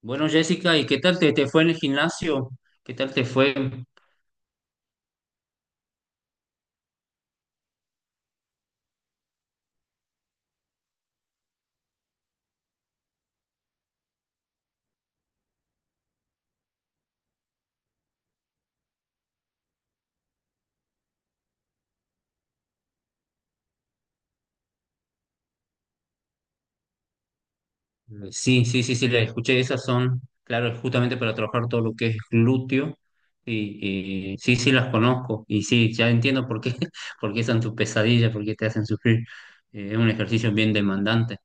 Bueno, Jessica, ¿y qué tal te fue en el gimnasio? ¿Qué tal te fue? Sí, sí, sí, sí, le escuché. Esas son, claro, justamente para trabajar todo lo que es glúteo. Y sí, sí, las conozco. Y sí, ya entiendo por qué, por qué son tus pesadillas, por qué te hacen sufrir. Es un ejercicio bien demandante.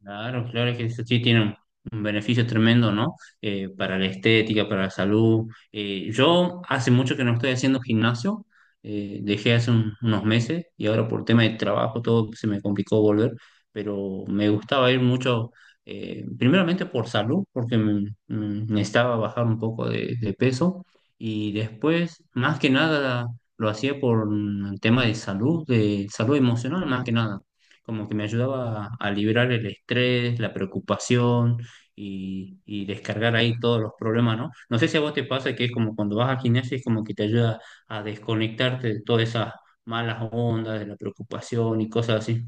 Claro, claro, es que eso sí tiene un beneficio tremendo, ¿no? Para la estética, para la salud. Yo hace mucho que no estoy haciendo gimnasio, dejé hace unos meses y ahora por tema de trabajo todo se me complicó volver, pero me gustaba ir mucho, primeramente por salud, porque me necesitaba bajar un poco de peso y después, más que nada, lo hacía por un tema de salud emocional, más que nada, como que me ayudaba a liberar el estrés, la preocupación y descargar ahí todos los problemas, ¿no? No sé si a vos te pasa que es como cuando vas al gimnasio, es como que te ayuda a desconectarte de todas esas malas ondas, de la preocupación y cosas así.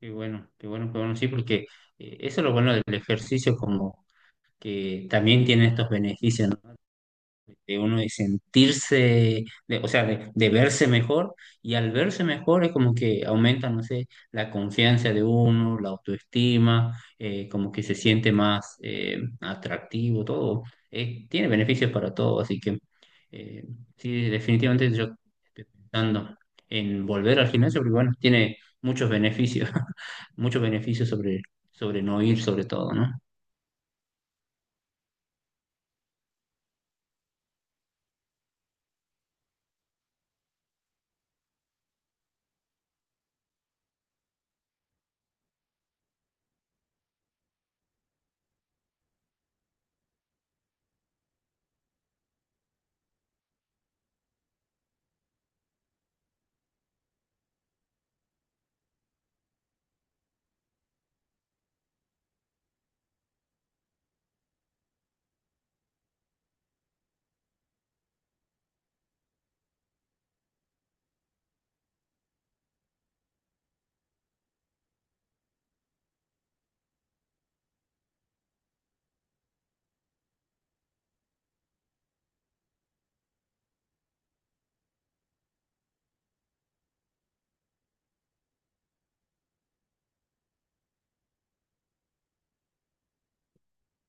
Qué bueno, qué bueno, qué bueno, sí, porque eso es lo bueno del ejercicio, como que también tiene estos beneficios, ¿no? De uno de sentirse, o sea, de verse mejor, y al verse mejor es como que aumenta, no sé, la confianza de uno, la autoestima, como que se siente más, atractivo, todo. Tiene beneficios para todo, así que, eh, sí, definitivamente yo estoy pensando en volver al gimnasio, porque bueno, tiene muchos beneficios, muchos beneficios sobre, sobre no ir, sobre todo, ¿no?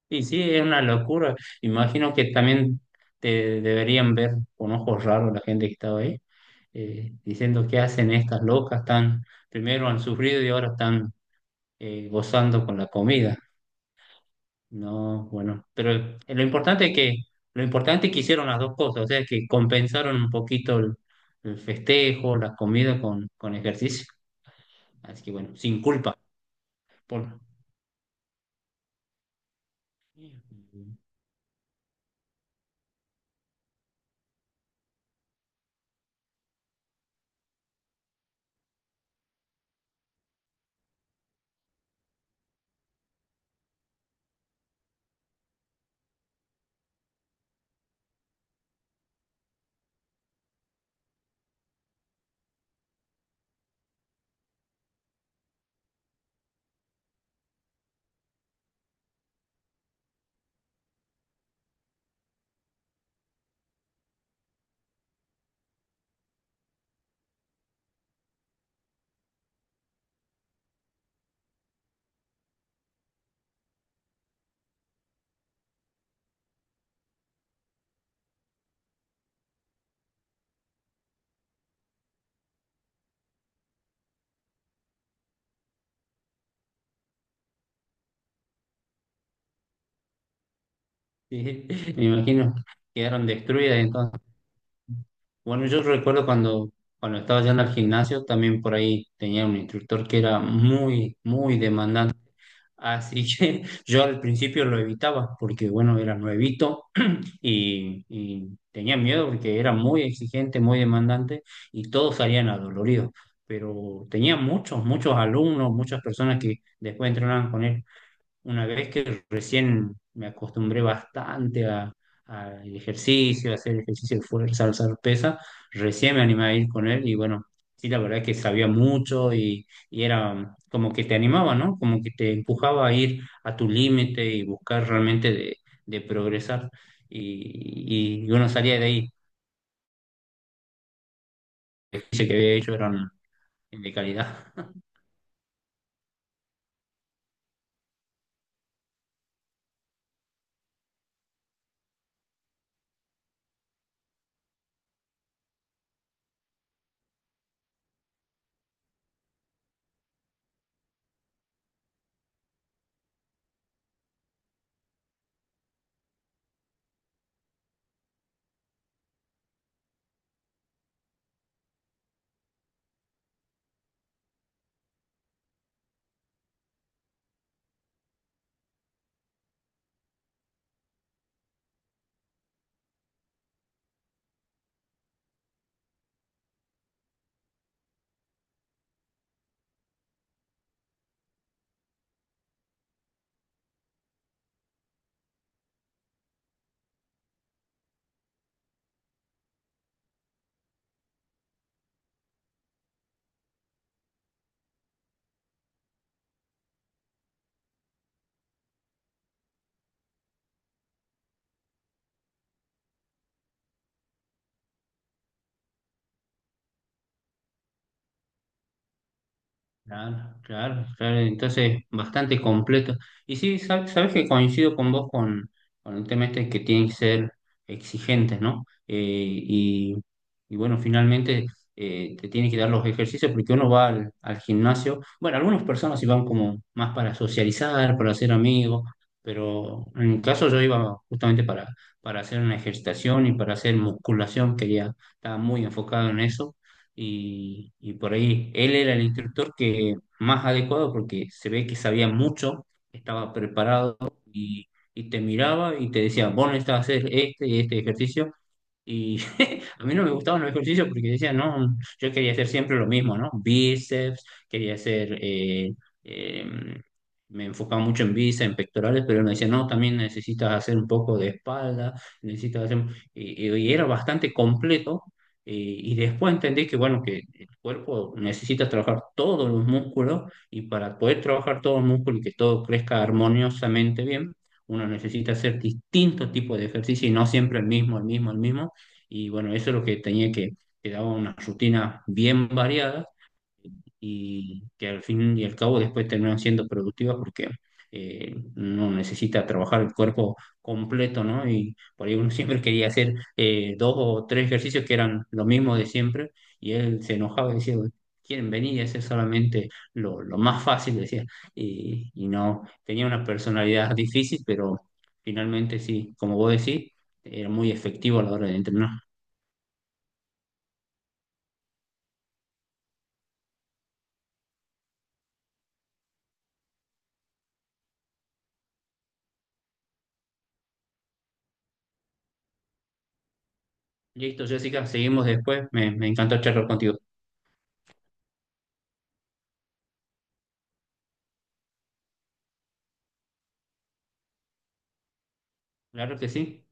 Y sí, es una locura. Imagino que también te deberían ver con ojos raros la gente que estaba ahí, diciendo qué hacen estas locas, tan primero han sufrido y ahora están, gozando con la comida. No, bueno, pero lo importante lo importante es que hicieron las dos cosas, o sea, que compensaron un poquito el festejo, la comida con ejercicio. Así que bueno, sin culpa. Por... Sí, me imagino, quedaron destruidas entonces. Bueno, yo recuerdo cuando, cuando estaba yendo al gimnasio, también por ahí tenía un instructor que era muy, muy demandante. Así que yo al principio lo evitaba porque, bueno, era nuevito y tenía miedo porque era muy exigente, muy demandante y todos salían adoloridos. Pero tenía muchos, muchos alumnos, muchas personas que después entrenaban con él una vez que recién me acostumbré bastante al ejercicio, a hacer ejercicio de fuerza, alzar pesa, recién me animé a ir con él y bueno, sí, la verdad es que sabía mucho y era como que te animaba, ¿no? Como que te empujaba a ir a tu límite y buscar realmente de progresar. Y uno salía de ahí, el ejercicio que había hecho eran de calidad. Claro, claro, claro, entonces bastante completo. Y sí, sabes que coincido con vos con el tema este que tienen que ser exigentes, ¿no? Y bueno, finalmente, te tienen que dar los ejercicios porque uno va al, al gimnasio. Bueno, algunas personas sí van como más para socializar, para hacer amigos, pero en mi caso yo iba justamente para hacer una ejercitación y para hacer musculación, quería, estaba muy enfocado en eso y por ahí él era el instructor que más adecuado porque se ve que sabía mucho, estaba preparado y te miraba y te decía, vos necesitas hacer este y este ejercicio y a mí no me gustaban los ejercicios porque decía, no, yo quería hacer siempre lo mismo, ¿no? Bíceps, quería hacer, em, me enfocaba mucho en bíceps, en pectorales, pero él me decía, no, también necesitas hacer un poco de espalda, necesitas hacer, y era bastante completo. Y después entendí que, bueno, que el cuerpo necesita trabajar todos los músculos y para poder trabajar todo el músculo y que todo crezca armoniosamente bien, uno necesita hacer distintos tipos de ejercicio y no siempre el mismo, el mismo, el mismo y bueno, eso es lo que tenía que daba una rutina bien variada y que al fin y al cabo después terminan siendo productivas porque, uno necesita trabajar el cuerpo completo, ¿no? Y por ahí uno siempre quería hacer, dos o tres ejercicios que eran lo mismo de siempre y él se enojaba y decía, quieren venir y hacer solamente lo más fácil, decía. Y no, tenía una personalidad difícil, pero finalmente sí, como vos decís, era muy efectivo a la hora de entrenar. Listo, Jessica, seguimos después. Me encantó charlar contigo. Claro que sí.